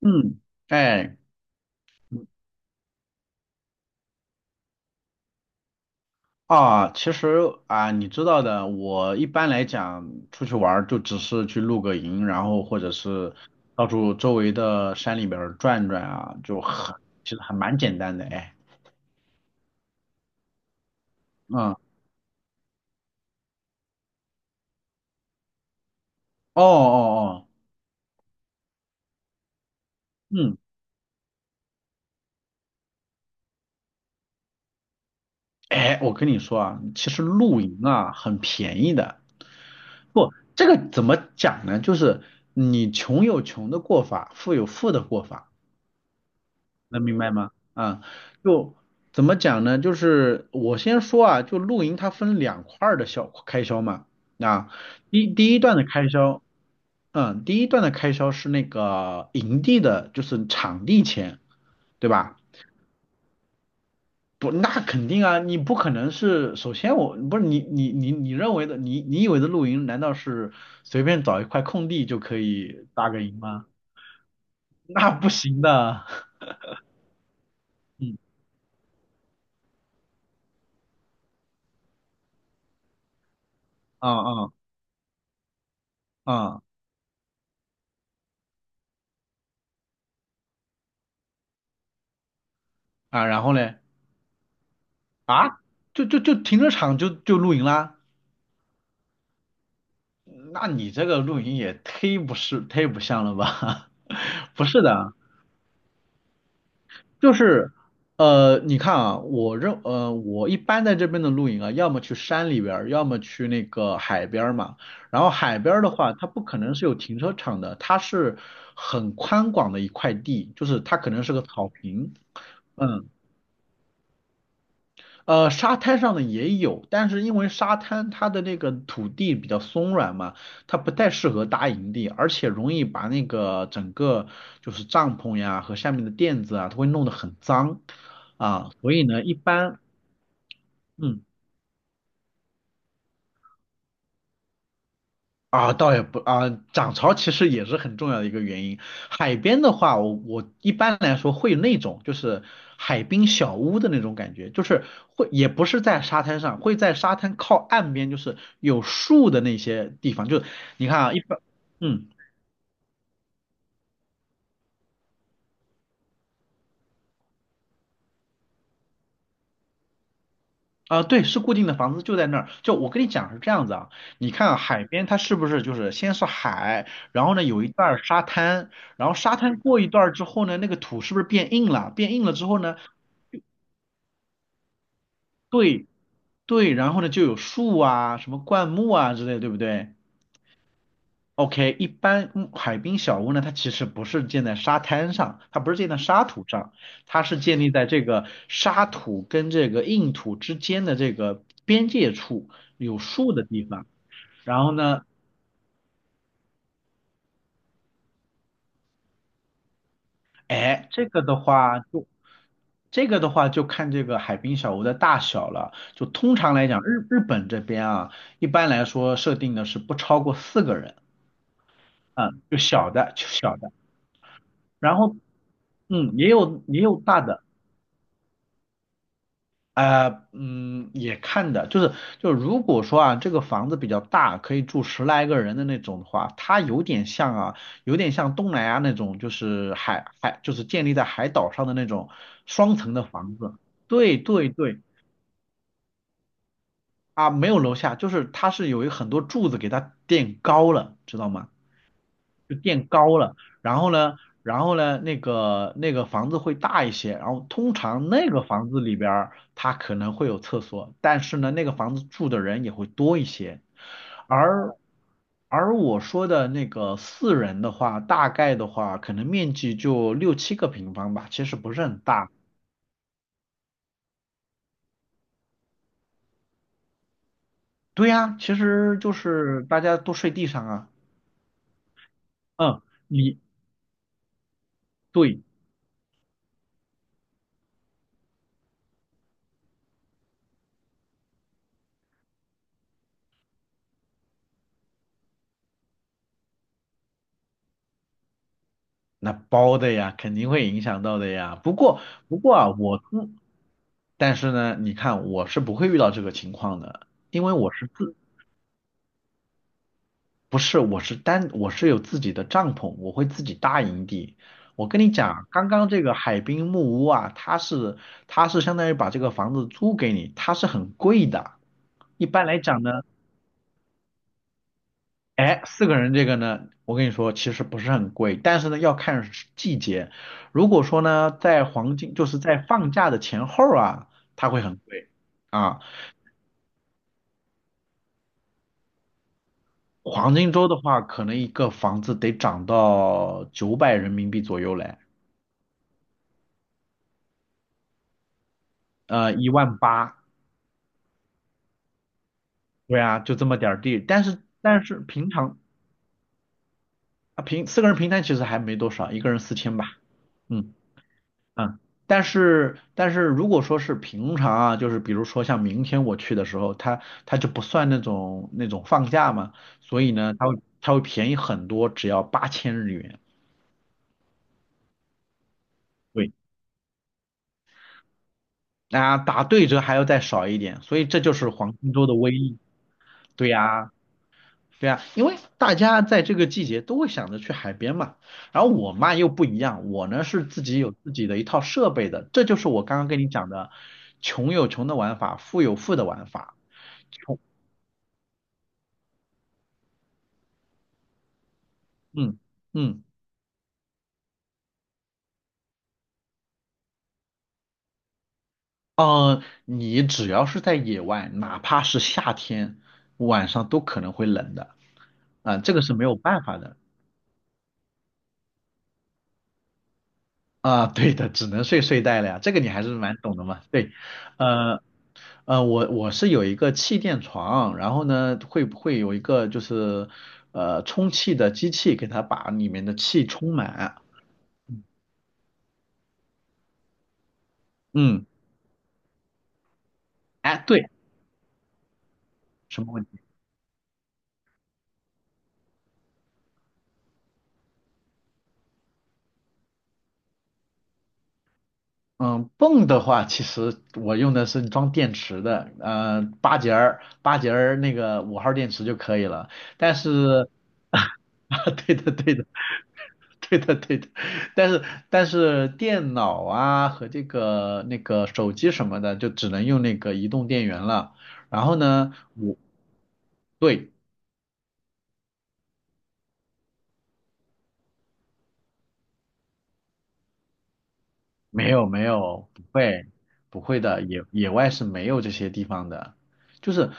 嗯，哎，啊，其实啊，你知道的，我一般来讲出去玩儿就只是去露个营，然后或者是到处周围的山里边儿转转啊，其实还蛮简单的，哎，嗯，哦哦哦，嗯，哎，我跟你说啊，其实露营啊很便宜的。不，这个怎么讲呢？就是你穷有穷的过法，富有富的过法。能明白吗？啊，就怎么讲呢？就是我先说啊，就露营它分2块儿的小开销嘛。啊，第一段的开销，嗯，第一段的开销是那个营地的，就是场地钱，对吧？不，那肯定啊，你不可能是，首先我不是你认为的，你以为的露营，难道是随便找一块空地就可以搭个营吗？那不行的。嗯啊啊啊啊，然后嘞？啊，就就就停车场就露营啦？那你这个露营也忒不像了吧？不是的。就是你看啊，我一般在这边的露营啊，要么去山里边儿，要么去那个海边儿嘛。然后海边儿的话，它不可能是有停车场的，它是很宽广的一块地，就是它可能是个草坪。嗯。呃，沙滩上的也有，但是因为沙滩它的那个土地比较松软嘛，它不太适合搭营地，而且容易把那个整个就是帐篷呀和下面的垫子啊，它会弄得很脏啊，所以呢，一般。嗯。啊，倒也不啊，涨潮其实也是很重要的一个原因。海边的话，我一般来说会那种就是海滨小屋的那种感觉，就是会也不是在沙滩上，会在沙滩靠岸边，就是有树的那些地方。就是你看啊，一般，嗯啊，对，是固定的房子就在那儿。就我跟你讲是这样子啊，你看啊海边它是不是就是先是海，然后呢有一段儿沙滩，然后沙滩过一段儿之后呢，那个土是不是变硬了？变硬了之后呢？对对，然后呢就有树啊、什么灌木啊之类，对不对？OK，一般嗯海滨小屋呢，它其实不是建在沙滩上，它不是建在沙土上，它是建立在这个沙土跟这个硬土之间的这个边界处有树的地方。然后呢，哎，这个的话就看这个海滨小屋的大小了。就通常来讲，日本这边啊，一般来说设定的是不超过四个人。嗯，就小的，就小的，然后嗯，也有也有大的，也看的，就是如果说啊，这个房子比较大，可以住十来个人的那种的话，它有点像啊，有点像东南亚那种，就是就是建立在海岛上的那种双层的房子。对对对，啊，没有楼下，就是它是有一很多柱子给它垫高了，知道吗？就垫高了，然后呢，然后呢，那个那个房子会大一些，然后通常那个房子里边儿它可能会有厕所，但是呢，那个房子住的人也会多一些，而而我说的那个四人的话，大概的话，可能面积就六七个平方吧，其实不是很大。对呀，其实就是大家都睡地上啊。嗯，你对那包的呀，肯定会影响到的呀。不过，不过啊，我自，但是呢，你看，我是不会遇到这个情况的，因为我是自，不是，我是有自己的帐篷，我会自己搭营地。我跟你讲，刚刚这个海滨木屋啊，它是，它是相当于把这个房子租给你，它是很贵的。一般来讲呢，哎，四个人这个呢，我跟你说，其实不是很贵，但是呢要看时季节。如果说呢，在黄金，就是在放假的前后啊，它会很贵啊。黄金周的话，可能一个房子得涨到900人民币左右嘞。呃，18000。对啊，就这么点儿地。但是但是平常啊，平四个人平摊其实还没多少，一个人4000吧。嗯。嗯，但是如果说是平常啊，就是比如说像明天我去的时候，它就不算那种那种放假嘛，所以呢，它会便宜很多，只要8000日元。对，啊，打对折还要再少一点，所以这就是黄金周的威力。对呀，对呀，因为大家在这个季节都会想着去海边嘛。然后我嘛又不一样，我呢是自己有自己的一套设备的，这就是我刚刚跟你讲的，穷有穷的玩法，富有富的玩法。嗯嗯，呃，你只要是在野外，哪怕是夏天，晚上都可能会冷的。啊、这个是没有办法的。啊、对的，只能睡睡袋了呀。这个你还是蛮懂的嘛，对。呃我是有一个气垫床，然后呢，会不会有一个就是充气的机器给它把里面的气充满？嗯，哎，对，什么问题？嗯，泵的话，其实我用的是装电池的，呃，八节儿那个5号电池就可以了。但是，啊，对的，对的，对的，对的。但是，但是电脑啊和这个那个手机什么的，就只能用那个移动电源了。然后呢，我对，没有没有，不会不会的，野外是没有这些地方的。就是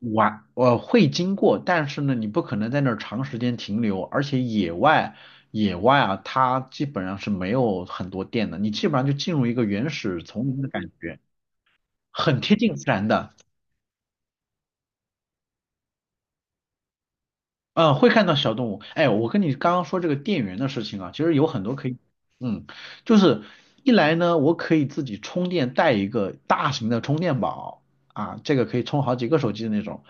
玩，呃，会经过，但是呢，你不可能在那儿长时间停留，而且野外，野外啊，它基本上是没有很多电的，你基本上就进入一个原始丛林的感觉，很贴近自然的。嗯，会看到小动物。哎，我跟你刚刚说这个电源的事情啊，其实有很多可以，嗯，就是一来呢，我可以自己充电，带一个大型的充电宝啊，这个可以充好几个手机的那种，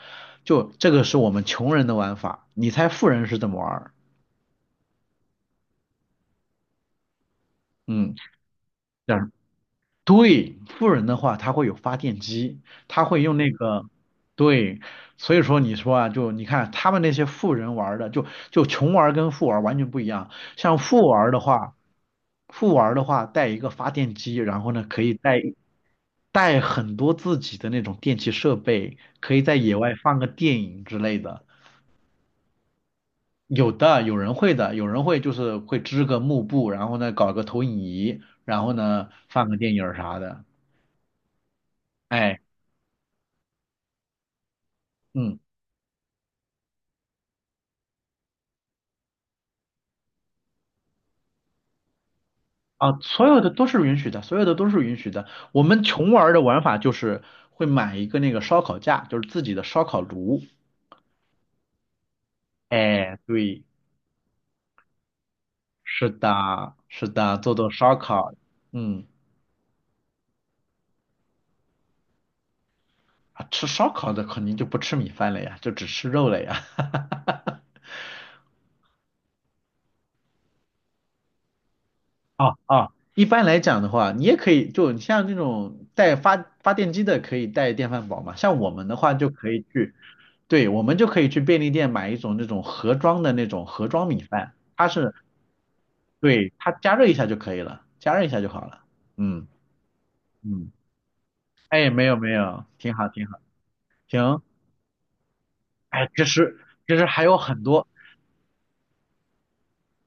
就这个是我们穷人的玩法，你猜富人是怎么玩儿？嗯。但对，富人的话，他会有发电机，他会用那个，对，所以说你说啊，就你看他们那些富人玩儿的，就穷玩儿跟富玩儿完全不一样。像富玩儿的话，富玩儿的话带一个发电机，然后呢可以带很多自己的那种电器设备，可以在野外放个电影之类的。有的，有人会的，有人会就是会织个幕布，然后呢搞个投影仪，然后呢放个电影儿啥的。哎。嗯啊，所有的都是允许的，所有的都是允许的。我们穷玩儿的玩法就是会买一个那个烧烤架，就是自己的烧烤炉。哎，对，是的，是的，做做烧烤。嗯，啊，吃烧烤的肯定就不吃米饭了呀，就只吃肉了呀。啊啊，一般来讲的话，你也可以，就你像这种带发电机的，可以带电饭煲嘛。像我们的话，就可以去。对，我们就可以去便利店买一种那种盒装的那种盒装米饭，它是对它加热一下就可以了，加热一下就好了。嗯嗯，哎，没有没有，挺好挺好，行。哎，其实还有很多，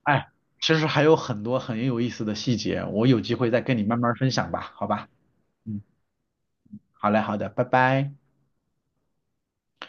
哎，其实还有很多很有意思的细节，我有机会再跟你慢慢分享吧，好吧？嗯，好嘞好的，拜拜。